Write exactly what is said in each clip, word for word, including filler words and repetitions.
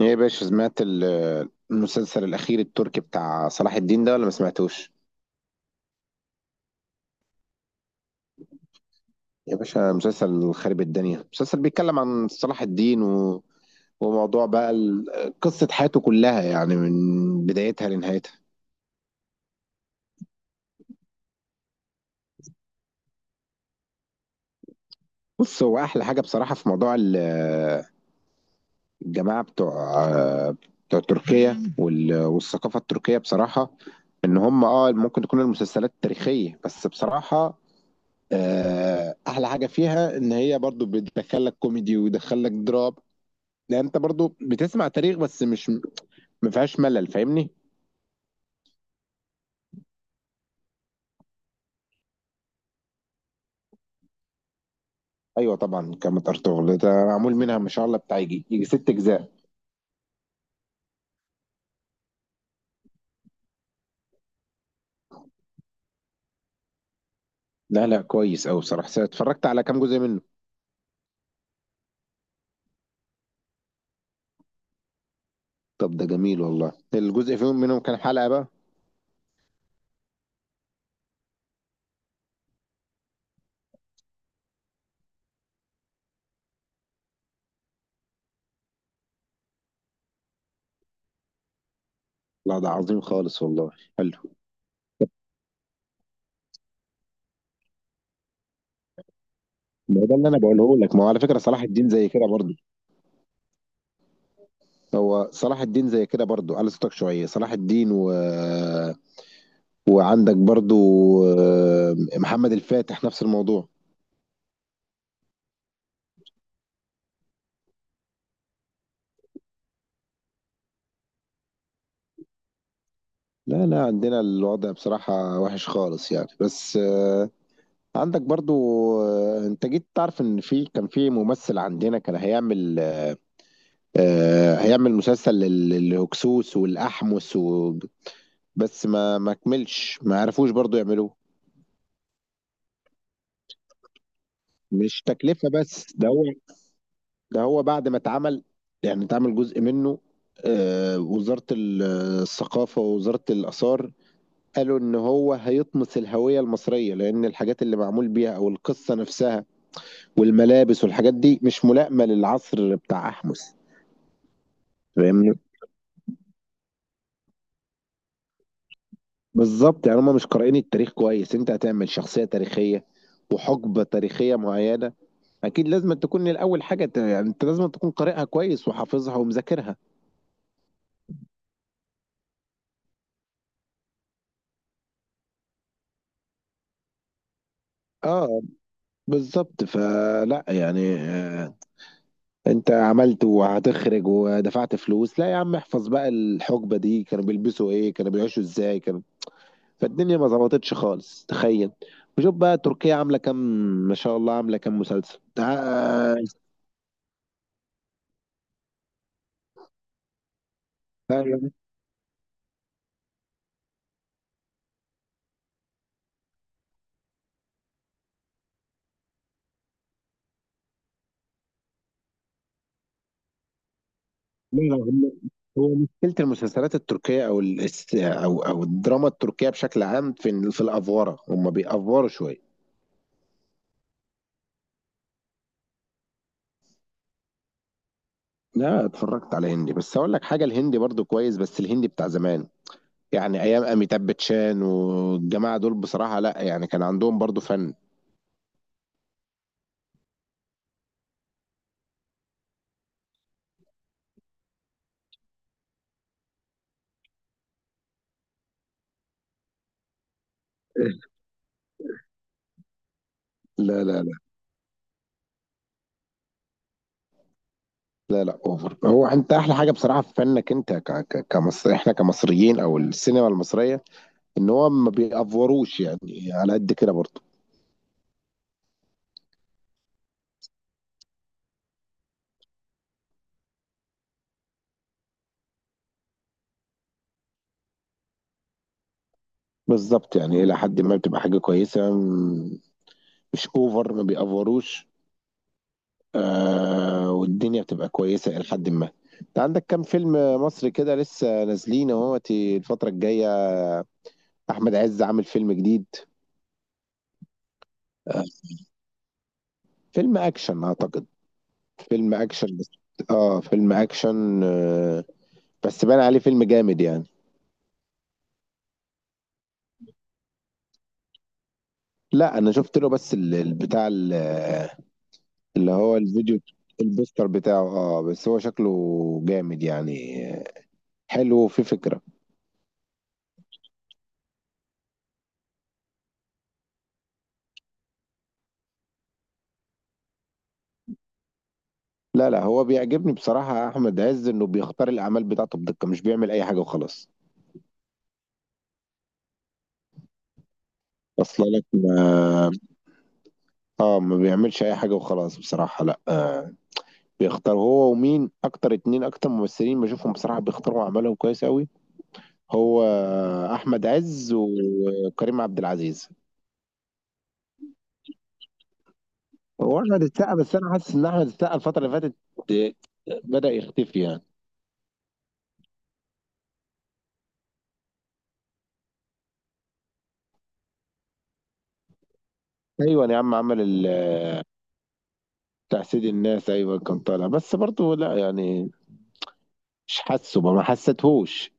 ايه يا باشا، سمعت ال- المسلسل الاخير التركي بتاع صلاح الدين ده ولا ما سمعتوش؟ يا باشا مسلسل خارب الدنيا، مسلسل بيتكلم عن صلاح الدين و... وموضوع بقى ال- قصة حياته كلها، يعني من بدايتها لنهايتها. بص، هو احلى حاجة بصراحة في موضوع ال- الجماعة بتوع بتوع تركيا وال... والثقافة التركية بصراحة. ان هم اه ممكن تكون المسلسلات تاريخية، بس بصراحة آه، احلى حاجه فيها ان هي برضو بتدخلك كوميدي ويدخلك دراما. لا، انت برضو بتسمع تاريخ، بس مش، ما فيهاش ملل. فاهمني؟ ايوه طبعا، كامت ارطغرل ده معمول منها ما شاء الله بتاع يجي يجي ست اجزاء. لا، لا، كويس قوي صراحه، اتفرجت على كام جزء منه. طب ده جميل والله، الجزء فيهم منهم كام حلقه بقى؟ لا ده عظيم خالص والله. حلو. ما هو ده اللي انا بقوله لك، ما هو على فكره صلاح الدين زي كده برضو. هو صلاح الدين زي كده برضو، على صوتك شويه. صلاح الدين و... وعندك برضو آه، محمد الفاتح نفس الموضوع. لا، لا، عندنا الوضع بصراحة وحش خالص يعني، بس آه، عندك برضو. آه، انت جيت تعرف ان في كان في ممثل عندنا كان هيعمل آه، هيعمل مسلسل لل- للهكسوس والأحمس و... بس ما ما كملش، ما عرفوش برضو يعملوه. مش تكلفة بس، ده هو ده هو بعد ما اتعمل، يعني اتعمل جزء منه. آه، وزارة ال- آه، الثقافة ووزارة الآثار قالوا إن هو هيطمس الهوية المصرية، لأن الحاجات اللي معمول بيها أو القصة نفسها والملابس والحاجات دي مش ملائمة للعصر بتاع أحمس. فاهمني؟ بالظبط، يعني هم مش قارئين التاريخ كويس. انت هتعمل شخصية تاريخية وحقبة تاريخية معينة، أكيد لازم تكون الأول حاجة ت- يعني أنت لازم تكون قارئها كويس وحافظها ومذاكرها. اه بالظبط، فلا يعني آه، انت عملت وهتخرج ودفعت فلوس، لا يا عم، احفظ بقى. الحقبة دي كانوا بيلبسوا ايه، كانوا بيعيشوا ازاي، كانوا. فالدنيا ما ظبطتش خالص، تخيل. وشوف بقى تركيا عامله كام، ما شاء الله عامله كام مسلسل تع- لا، لا، هم- هو مشكله المسلسلات التركيه، او الاس- او او الدراما التركيه بشكل عام، في ال- في الافوره هم بيأفوروا شويه. لا، اتفرجت على هندي، بس اقول لك حاجه، الهندي برضو كويس بس الهندي بتاع زمان، يعني ايام اميتاب باتشان والجماعه دول بصراحه. لا يعني، كان عندهم برضو فن. لا، لا، لا، لا اوفر. هو انت احلى حاجه بصراحه في فنك انت ك... ك... كمصر، احنا كمصريين او السينما المصريه، ان هو ما بيأفوروش يعني، على قد كده برضه. بالظبط، يعني الى حد ما بتبقى حاجه كويسه، م- مش اوفر، ما بيأفوروش. آه، والدنيا بتبقى كويسه الى حد ما. انت عندك كام فيلم مصري كده لسه نازلين اهوت الفتره الجايه. احمد عز عامل فيلم جديد. فيلم اكشن اعتقد. فيلم اكشن بس. اه فيلم اكشن آه بس بان عليه فيلم جامد يعني. لا، انا شفت له بس ال- ال- بتاع ال- اللي هو الفيديو. البوستر بتاعه، اه بس هو شكله جامد يعني. حلو وفي فكرة. لا، لا، هو بيعجبني بصراحة احمد عز، انه بيختار الاعمال بتاعته بدقة، مش بيعمل اي حاجة وخلاص. اصلا لك ما. اه، ما بيعملش اي حاجة وخلاص بصراحة. لا آه بيختار. هو ومين اكتر، اتنين اكتر ممثلين بشوفهم بصراحة بيختاروا اعمالهم كويس قوي، هو احمد عز وكريم عبد العزيز. هو احمد السقا، بس انا حاسس ان احمد السقا الفتره اللي فاتت آه، بدأ يختفي يعني. ايوه يا عم، عمل ال- بتاع سيد الناس. ايوه كان طالع، بس برضه لا يعني مش حاسه بقى، ما حسيتهوش.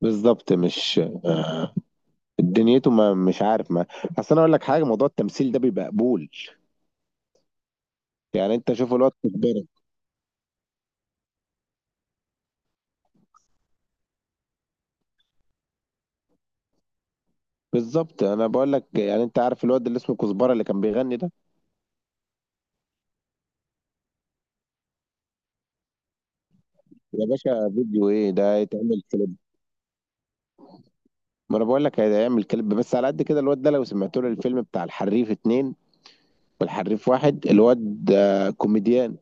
بالظبط، مش دنيته، ما، مش عارف، ما. اصل انا اقول لك حاجه، موضوع التمثيل ده بيبقى قبول، يعني انت شوف الواد كزبره. بالظبط، انا بقول لك يعني، انت عارف الواد اللي اسمه كزبره اللي كان بيغني ده؟ يا باشا، فيديو ايه ده، هيتعمل كليب؟ ما انا بقول لك هيعمل كليب، بس على قد كده الواد ده لو سمعت له الفيلم بتاع الحريف اتنين والحريف واحد، الواد آه، كوميديان.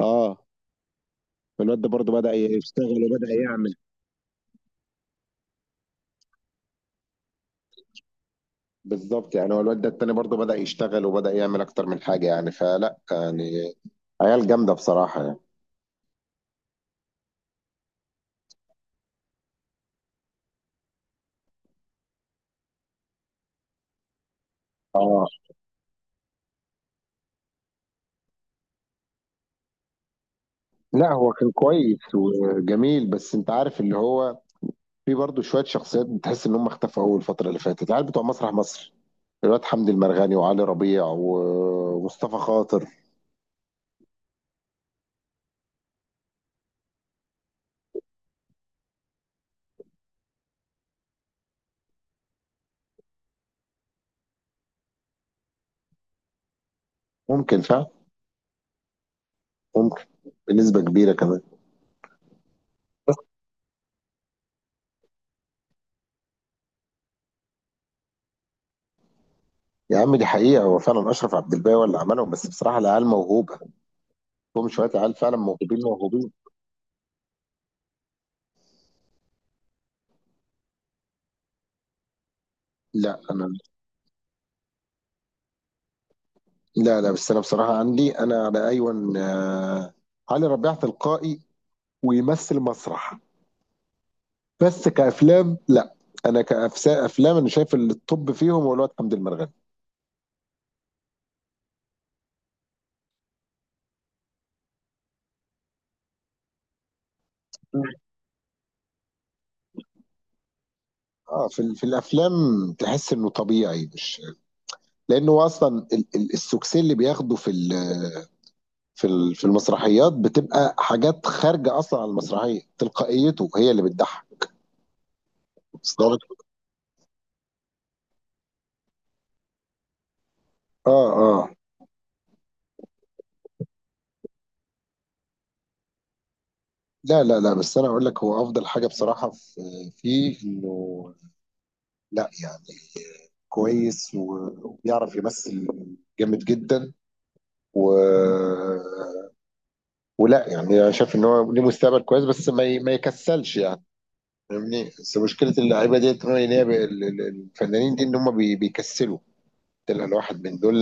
اه، الواد ده برضه بدأ يشتغل وبدأ يعمل. بالظبط، يعني هو الواد ده التاني برضه بدأ يشتغل وبدأ يعمل أكتر من حاجة يعني، فلا يعني عيال جامدة بصراحة يعني. اه، لا هو كان كويس وجميل، بس انت عارف اللي هو في برضه شوية شخصيات بتحس ان هم اختفوا اول الفترة اللي فاتت، العيال بتوع مسرح مصر، الواد حمدي المرغني وعلي ربيع ومصطفى خاطر. ممكن فاهم. ممكن. بنسبة كبيرة كمان. يا عم، دي حقيقة هو فعلا أشرف عبد الباقي هو اللي عملهم، بس بصراحة العيال موهوبة، هم شوية عيال فعلا موهوبين موهوبين. لا أنا. لا، لا، بس أنا بصراحة عندي أنا على أيون، آه، علي ربيع تلقائي ويمثل مسرح، بس كأفلام لا. أنا كأفلام أنا شايف التوب فيهم هو الواد حمدي المرغني. اه، في ال- في الافلام تحس انه طبيعي مش، لانه اصلا ال- ال- السكسي اللي بياخده في ال في ال- في المسرحيات بتبقى حاجات خارجه اصلا عن المسرحيه، تلقائيته هي اللي بتضحك. أصل أنا- اه، اه، لا، لا، لا، بس انا اقول لك، هو افضل حاجه بصراحه في فيه انه لا يعني كويس و- وبيعرف يمثل جامد جدا و ولا يعني، انا شايف ان هو ليه مستقبل كويس بس ما ي- ما يكسلش يعني. فاهمني؟ بس مشكله اللعيبه ديت، ان هو إن هي ب- ال- ال- الفنانين دي ان هم بي- بيكسلوا، تلقى الواحد من دول.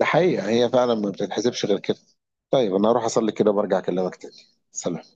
ده حقيقة هي فعلا ما بتتحسبش غير كده. طيب، أنا هروح أصلي كده وبرجع أكلمك تاني. سلام.